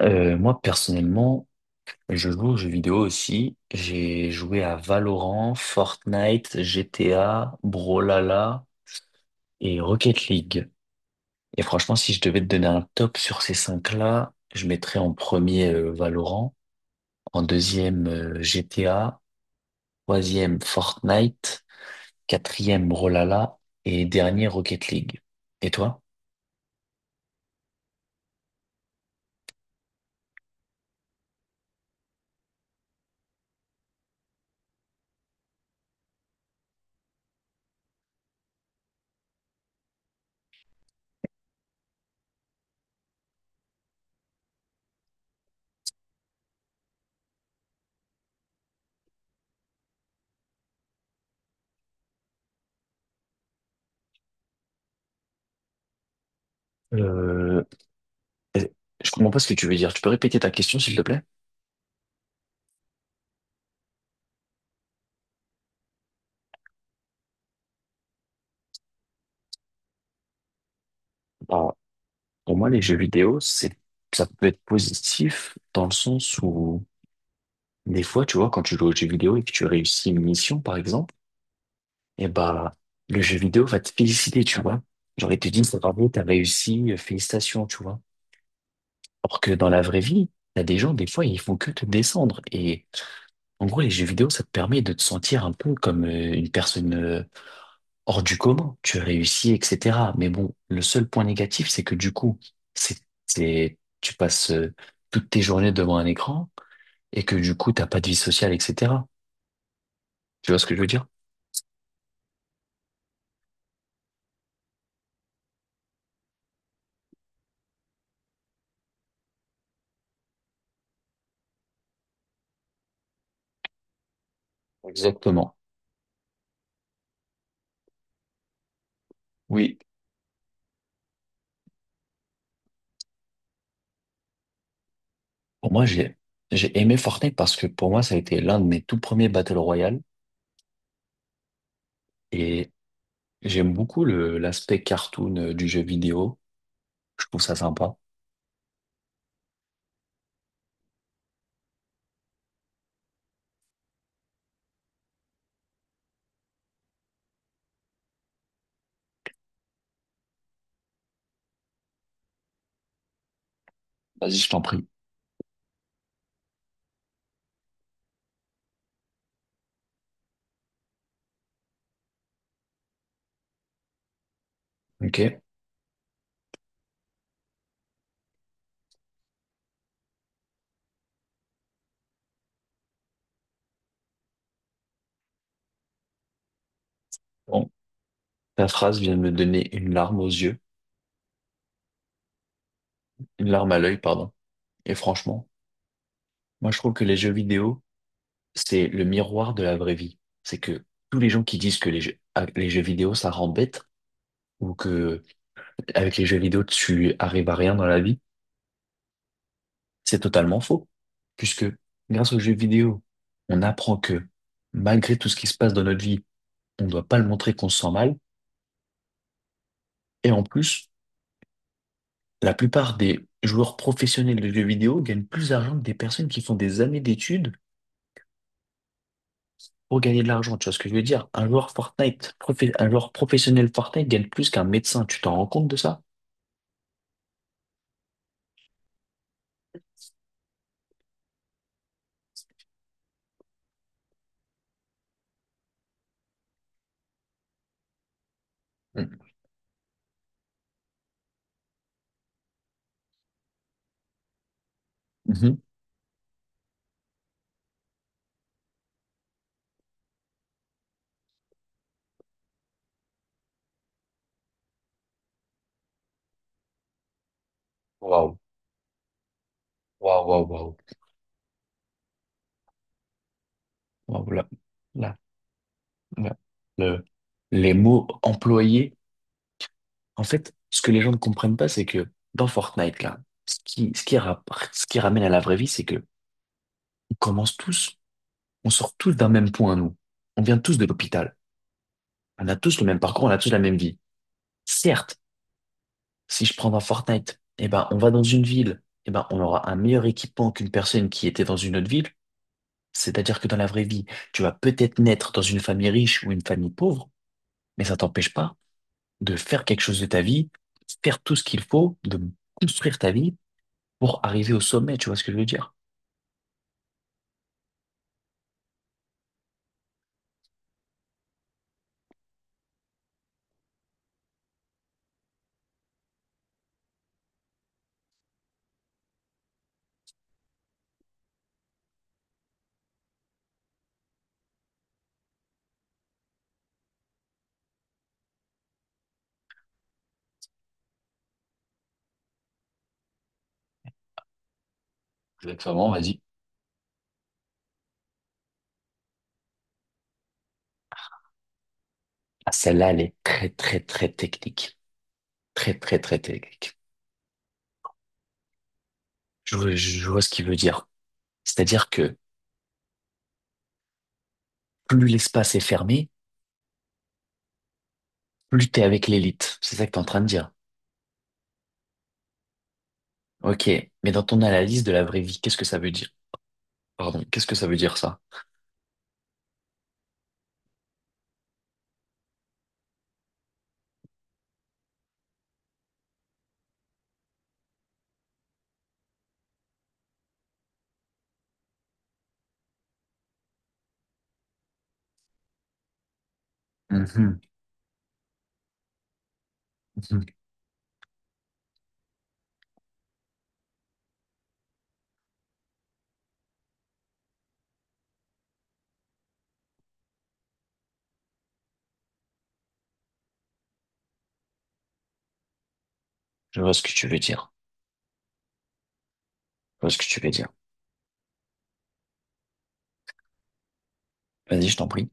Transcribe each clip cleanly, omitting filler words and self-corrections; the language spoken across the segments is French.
Moi, personnellement, je joue aux jeux vidéo aussi. J'ai joué à Valorant, Fortnite, GTA, Brawlhalla et Rocket League. Et franchement, si je devais te donner un top sur ces cinq-là, je mettrais en premier Valorant, en deuxième GTA, troisième Fortnite, quatrième Brawlhalla et dernier Rocket League. Et toi? Euh, je comprends pas ce que tu veux dire. Tu peux répéter ta question, s'il te plaît? Pour moi, les jeux vidéo, ça peut être positif dans le sens où, des fois, tu vois, quand tu joues aux jeux vidéo et que tu réussis une mission, par exemple, et bah, le jeu vidéo va te féliciter, tu vois. Genre, il te dit, c'est bravo, t'as réussi, félicitations, tu vois. Alors que dans la vraie vie, t'as des gens, des fois, ils font que te descendre. Et, en gros, les jeux vidéo, ça te permet de te sentir un peu comme une personne, hors du commun, tu réussis, etc. Mais bon, le seul point négatif, c'est que du coup, c'est, tu passes toutes tes journées devant un écran et que du coup, t'as pas de vie sociale, etc. Tu vois ce que je veux dire? Exactement. Oui. Pour moi, j'ai aimé Fortnite parce que pour moi, ça a été l'un de mes tout premiers Battle Royale et j'aime beaucoup l'aspect cartoon du jeu vidéo. Je trouve ça sympa. Vas-y, je t'en prie. Ok. Bon, ta phrase vient de me donner une larme aux yeux, une larme à l'œil, pardon. Et franchement, moi, je trouve que les jeux vidéo, c'est le miroir de la vraie vie. C'est que tous les gens qui disent que les jeux, ah, les jeux vidéo, ça rend bête ou que avec les jeux vidéo, tu arrives à rien dans la vie, c'est totalement faux. Puisque grâce aux jeux vidéo, on apprend que malgré tout ce qui se passe dans notre vie, on ne doit pas le montrer qu'on se sent mal. Et en plus, la plupart des joueurs professionnels de jeux vidéo gagnent plus d'argent que des personnes qui font des années d'études pour gagner de l'argent, tu vois ce que je veux dire? Un joueur Fortnite, un joueur professionnel Fortnite gagne plus qu'un médecin, tu t'en rends compte de ça? Mm. Mhm. Waouh, waouh, waouh, waouh. Wow, là, là, là. Le- les mots employés, en fait, ce que les gens ne comprennent pas, c'est que dans Fortnite, là, ce qui, ce qui, ra- ce qui ramène à la vraie vie, c'est que on commence tous, on sort tous d'un même point, nous. On vient tous de l'hôpital. On a tous le même parcours, on a tous la même vie. Certes, si je prends dans Fortnite, eh ben, on va dans une ville, eh ben, on aura un meilleur équipement qu'une personne qui était dans une autre ville. C'est-à-dire que dans la vraie vie, tu vas peut-être naître dans une famille riche ou une famille pauvre, mais ça t'empêche pas de faire quelque chose de ta vie, faire tout ce qu'il faut, de construire ta vie pour arriver au sommet, tu vois ce que je veux dire? Exactement, vas-y. Ah, celle-là, elle est très, très, très technique. Très, très, très technique. Je vois ce qu'il veut dire. C'est-à-dire que plus l'espace est fermé, plus t'es avec l'élite. C'est ça que t'es en train de dire. Ok, mais dans ton analyse de la vraie vie, qu'est-ce que ça veut dire? Pardon, qu'est-ce que ça veut dire ça? Mhm, mhm. Je vois ce que tu veux dire. Je vois ce que tu veux dire. Vas-y, je t'en prie.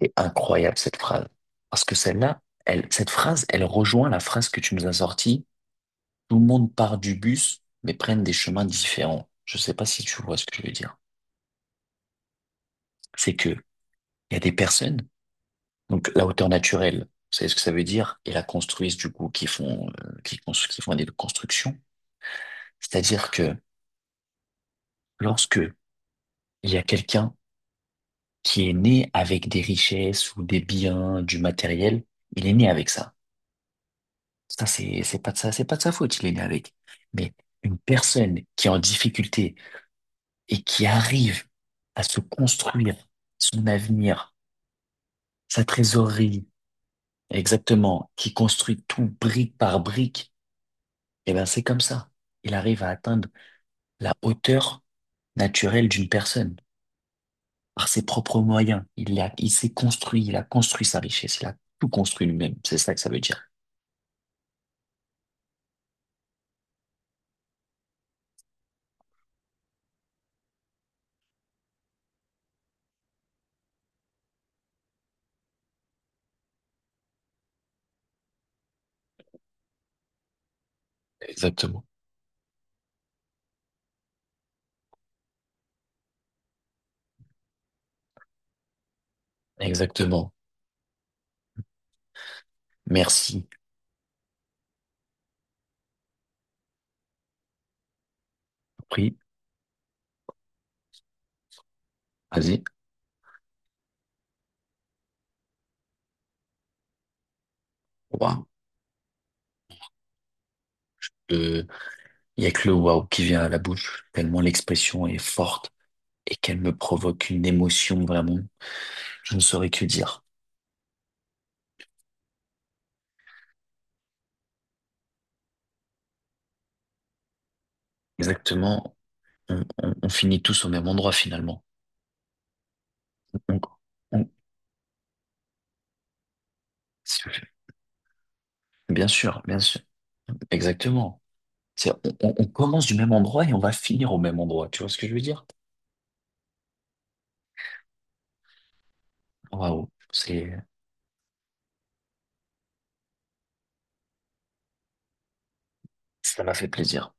C'est incroyable cette phrase. Parce que celle-là, elle, cette phrase, elle rejoint la phrase que tu nous as sortie. Tout le monde part du bus, mais prennent des chemins différents. Je sais pas si tu vois ce que je veux dire. C'est que il y a des personnes. Donc la hauteur naturelle, vous savez ce que ça veut dire? Et la construisent du coup qui font qui font des constructions. C'est-à-dire que lorsque il y a quelqu'un qui est né avec des richesses ou des biens, du matériel, il est né avec ça. Ça c'est pas de ça, c'est pas de sa faute, il est né avec. Mais une personne qui est en difficulté et qui arrive à se construire son avenir, sa trésorerie, exactement, qui construit tout brique par brique, eh ben c'est comme ça il arrive à atteindre la hauteur naturelle d'une personne par ses propres moyens. Il s'est construit, il a construit sa richesse, il a tout construit lui-même. C'est ça que ça veut dire. Exactement. Exactement. Merci. Pris, vas-y. Waouh. Euh, Il y a que le waouh qui vient à la bouche, tellement l'expression est forte et qu'elle me provoque une émotion vraiment. Je ne saurais que dire. Exactement. On finit tous au même endroit finalement. On- on- bien sûr, bien sûr. Exactement. On commence du même endroit et on va finir au même endroit. Tu vois ce que je veux dire? Waouh, c'est, ça m'a fait plaisir.